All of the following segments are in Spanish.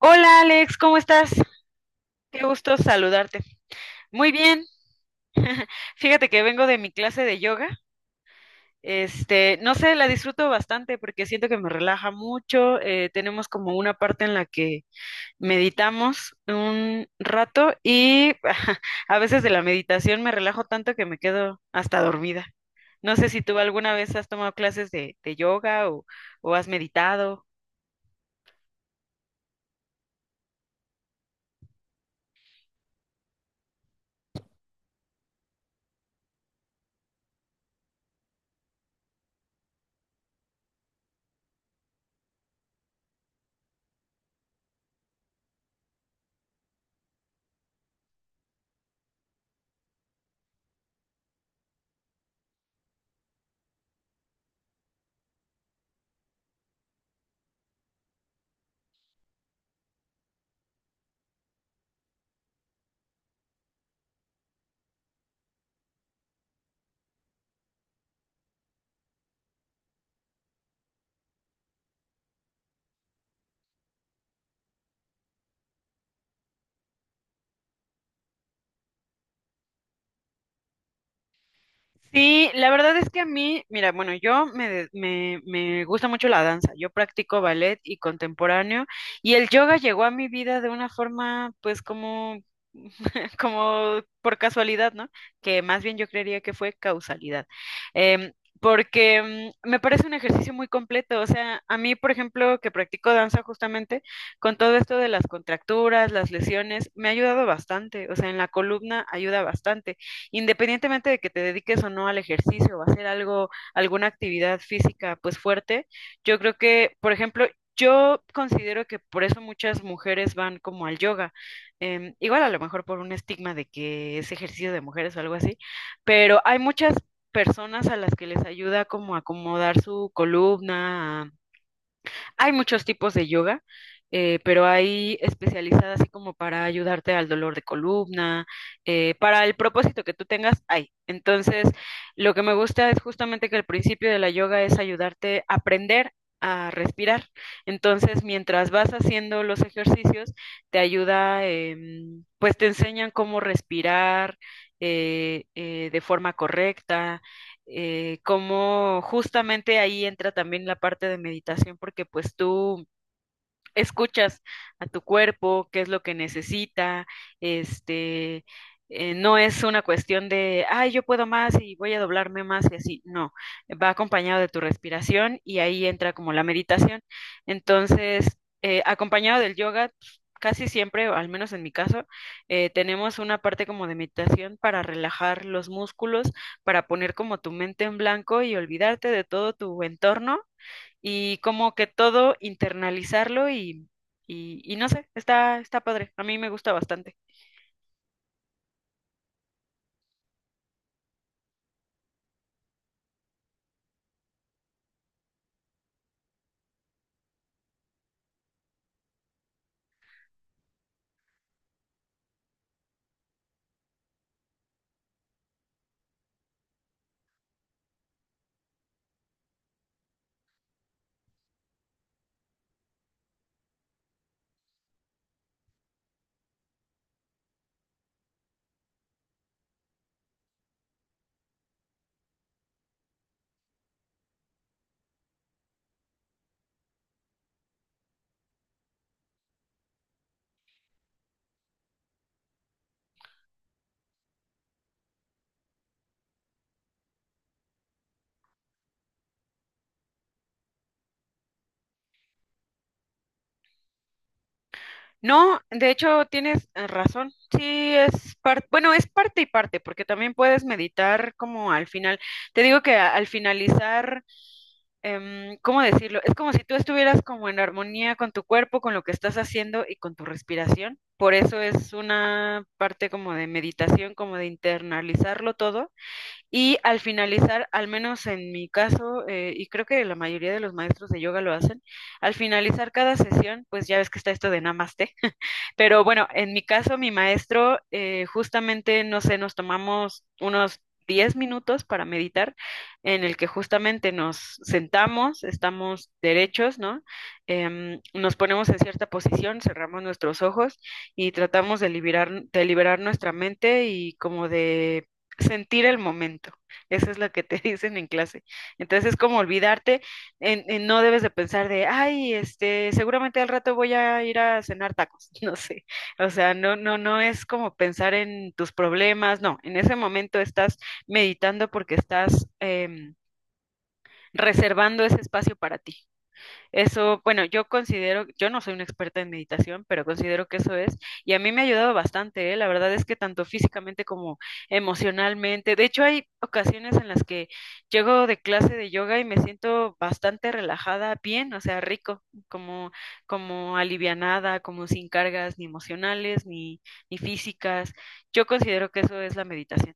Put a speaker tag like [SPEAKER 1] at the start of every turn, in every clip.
[SPEAKER 1] Hola Alex, ¿cómo estás? Qué gusto saludarte. Muy bien. Fíjate que vengo de mi clase de yoga. Este, no sé, la disfruto bastante porque siento que me relaja mucho. Tenemos como una parte en la que meditamos un rato y a veces de la meditación me relajo tanto que me quedo hasta dormida. No sé si tú alguna vez has tomado clases de yoga o has meditado. Sí, la verdad es que a mí, mira, bueno, yo me, de- me gusta mucho la danza, yo practico ballet y contemporáneo y el yoga llegó a mi vida de una forma pues como, como por casualidad, ¿no? Que más bien yo creería que fue causalidad. Em, Porque me parece un ejercicio muy completo, o sea, a mí, por ejemplo, que practico danza justamente, con todo esto de las contracturas, las lesiones, me ha ayudado bastante, o sea, en la columna ayuda bastante independientemente de que te dediques o no al ejercicio o a hacer algo, alguna actividad física pues fuerte, yo creo que, por ejemplo, yo considero que por eso muchas mujeres van como al yoga, em, igual a lo mejor por un estigma de que es ejercicio de mujeres o algo así, pero hay muchas personas a las que les ayuda como a acomodar su columna, hay muchos tipos de yoga, pero hay especializadas así como para ayudarte al dolor de columna, para el propósito que tú tengas, hay. Entonces, lo que me gusta es justamente que el principio de la yoga es ayudarte a aprender a respirar. Entonces, mientras vas haciendo los ejercicios, te ayuda, pues te enseñan cómo respirar de forma correcta, cómo justamente ahí entra también la parte de meditación, porque pues tú escuchas a tu cuerpo, qué es lo que necesita, este, no es una cuestión de, ay, yo puedo más y voy a doblarme más y así, no, va acompañado de tu respiración y ahí entra como la meditación. Entonces, acompañado del yoga, pues, casi siempre, o al menos en mi caso, tenemos una parte como de meditación para relajar los músculos, para poner como tu mente en blanco y olvidarte de todo tu entorno y como que todo internalizarlo y no sé, está, está padre, a mí me gusta bastante. No, de hecho tienes razón, sí es parte, bueno, es parte y parte, porque también puedes meditar como al final, te digo que al finalizar, ¿cómo decirlo? Es como si tú estuvieras como en armonía con tu cuerpo, con lo que estás haciendo y con tu respiración, por eso es una parte como de meditación, como de internalizarlo todo. Y al finalizar, al menos en mi caso, y creo que la mayoría de los maestros de yoga lo hacen, al finalizar cada sesión, pues ya ves que está esto de namaste. Pero bueno, en mi caso, mi maestro, justamente, no sé, nos tomamos unos 10 minutos para meditar, en el que justamente nos sentamos, estamos derechos, ¿no? Nos ponemos en cierta posición, cerramos nuestros ojos y tratamos de liberar nuestra mente y como de sentir el momento. Eso es lo que te dicen en clase. Entonces es como olvidarte en no debes de pensar de, ay, este, seguramente al rato voy a ir a cenar tacos, no sé. O sea, no, no, no es como pensar en tus problemas, no. En ese momento estás meditando porque estás reservando ese espacio para ti. Eso, bueno, yo considero, yo no soy una experta en meditación, pero considero que eso es, y a mí me ha ayudado bastante, ¿eh? La verdad es que tanto físicamente como emocionalmente, de hecho hay ocasiones en las que llego de clase de yoga y me siento bastante relajada, bien, o sea, rico, como, como alivianada, como sin cargas ni emocionales ni físicas. Yo considero que eso es la meditación.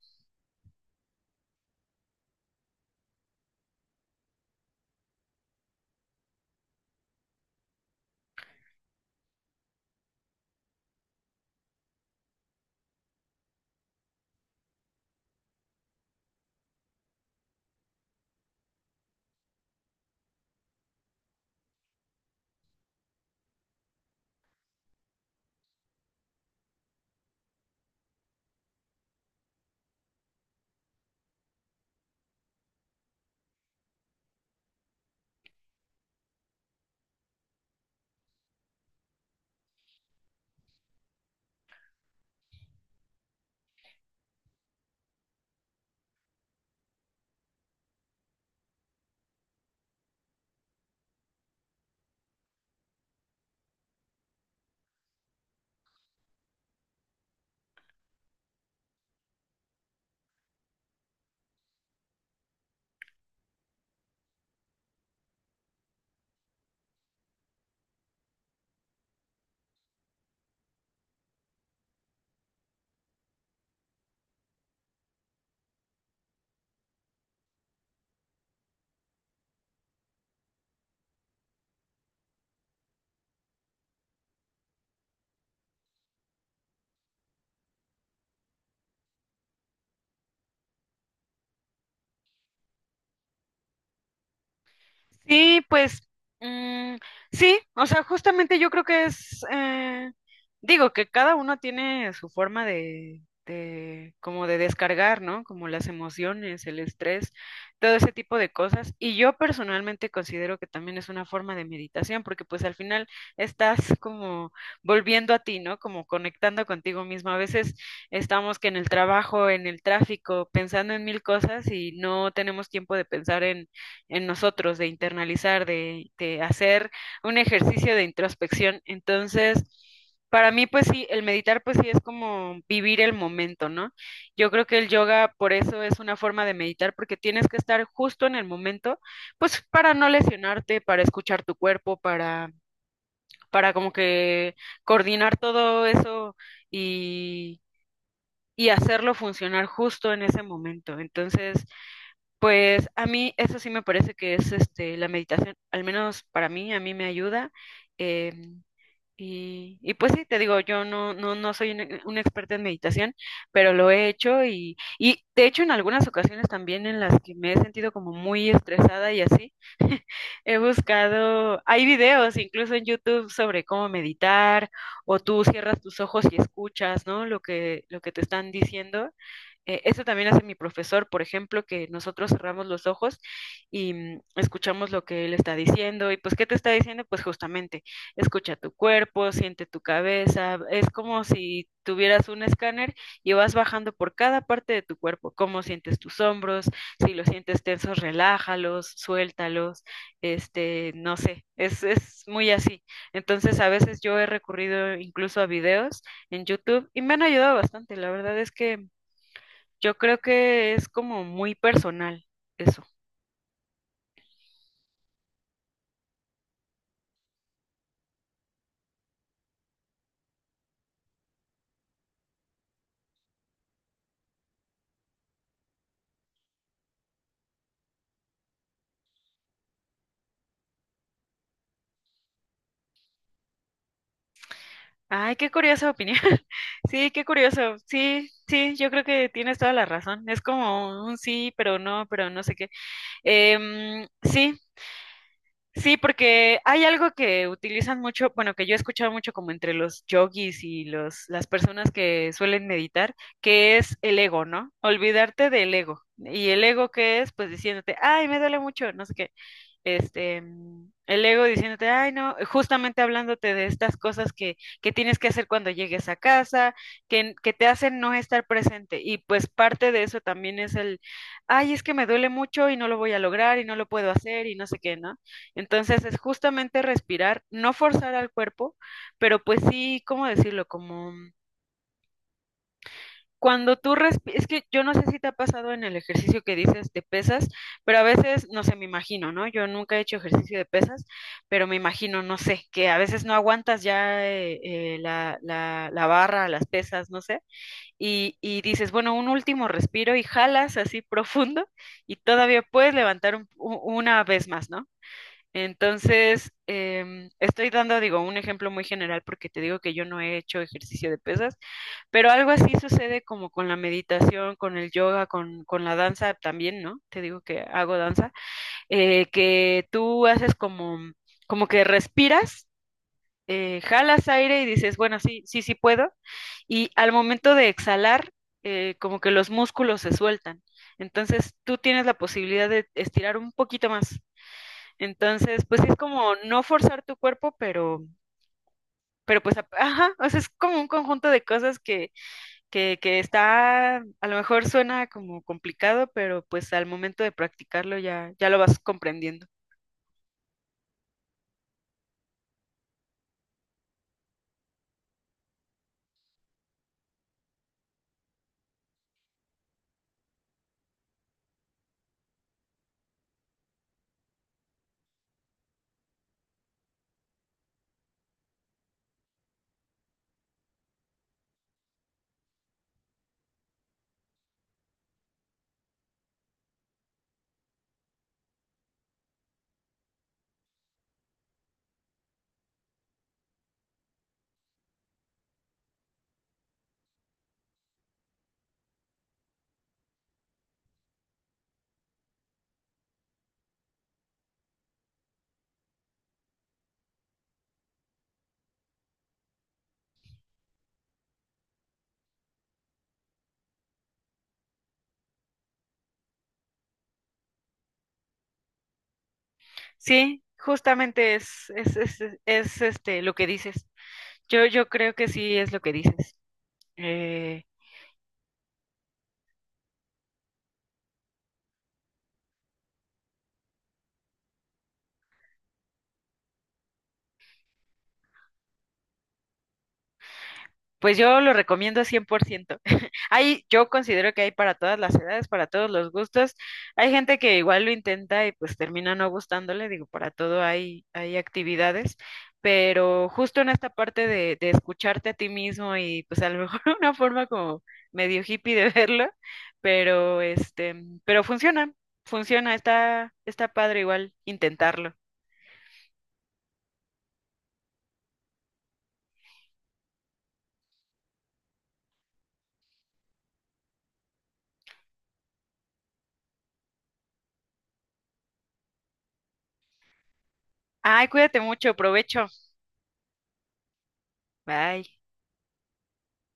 [SPEAKER 1] Sí, pues mm, sí, o sea, justamente yo creo que es, digo que cada uno tiene su forma de, como de descargar, ¿no? Como las emociones, el estrés, todo ese tipo de cosas. Y yo personalmente considero que también es una forma de meditación, porque pues al final estás como volviendo a ti, ¿no? Como conectando contigo mismo. A veces estamos que en el trabajo, en el tráfico, pensando en mil cosas y no tenemos tiempo de pensar en nosotros, de internalizar, de hacer un ejercicio de introspección. Entonces, para mí, pues sí, el meditar, pues sí, es como vivir el momento, ¿no? Yo creo que el yoga, por eso es una forma de meditar, porque tienes que estar justo en el momento, pues para no lesionarte, para escuchar tu cuerpo, para como que coordinar todo eso y, y hacerlo funcionar justo en ese momento. Entonces, pues a mí eso sí me parece que es este la meditación, al menos para mí, a mí me ayuda. em, y pues sí, te digo, yo no soy una experta en meditación, pero lo he hecho y de hecho en algunas ocasiones también en las que me he sentido como muy estresada y así, he buscado, hay videos incluso en YouTube sobre cómo meditar, o tú cierras tus ojos y escuchas, ¿no? Lo que te están diciendo. Eso también hace mi profesor, por ejemplo, que nosotros cerramos los ojos y escuchamos lo que él está diciendo. ¿Y pues qué te está diciendo? Pues justamente, escucha tu cuerpo, siente tu cabeza. Es como si tuvieras un escáner y vas bajando por cada parte de tu cuerpo. ¿Cómo sientes tus hombros? Si los sientes tensos, relájalos, suéltalos, este, no sé, es muy así. Entonces, a veces yo he recurrido incluso a videos en YouTube y me han ayudado bastante. La verdad es que yo creo que es como muy personal eso. Ay, qué curiosa opinión. Sí, qué curioso. Sí, sí, yo creo que tienes toda la razón. Es como un sí, pero no sé qué. Sí, sí, porque hay algo que utilizan mucho, bueno, que yo he escuchado mucho como entre los yogis y los, las personas que suelen meditar, que es el ego, ¿no? Olvidarte del ego. ¿Y el ego qué es? Pues diciéndote, ay, me duele mucho, no sé qué, este, el ego diciéndote, ay, no, justamente hablándote de estas cosas que tienes que hacer cuando llegues a casa, que te hacen no estar presente. Y pues parte de eso también es el, ay, es que me duele mucho y no lo voy a lograr y no lo puedo hacer y no sé qué, ¿no? Entonces es justamente respirar, no forzar al cuerpo, pero pues sí, ¿cómo decirlo? Como cuando tú respiras, es que yo no sé si te ha pasado en el ejercicio que dices de pesas, pero a veces, no sé, me imagino, ¿no? Yo nunca he hecho ejercicio de pesas, pero me imagino, no sé, que a veces no aguantas ya la barra, las pesas, no sé, y dices, bueno, un último respiro y jalas así profundo y todavía puedes levantar una vez más, ¿no? Entonces, estoy dando, digo, un ejemplo muy general porque te digo que yo no he hecho ejercicio de pesas, pero algo así sucede como con la meditación, con el yoga, con la danza también, ¿no? Te digo que hago danza, que tú haces como, como que respiras, jalas aire y dices, bueno, sí, sí, sí puedo. Y al momento de exhalar, como que los músculos se sueltan. Entonces tú tienes la posibilidad de estirar un poquito más. Entonces, pues sí es como no forzar tu cuerpo, pero pues, ajá, o sea, es como un conjunto de cosas que está, a lo mejor suena como complicado, pero pues al momento de practicarlo ya, ya lo vas comprendiendo. Sí, justamente es, es, es, este lo que dices. Yo creo que sí es lo que dices. Eh, Pues yo lo recomiendo 100%. Hay, yo considero que hay para todas las edades, para todos los gustos. Hay gente que igual lo intenta y pues termina no gustándole, digo, para todo hay, hay actividades, pero justo en esta parte de escucharte a ti mismo y pues a lo mejor una forma como medio hippie de verlo, pero este, pero funciona, funciona, está, está padre igual intentarlo. Ay, cuídate mucho, provecho. Bye.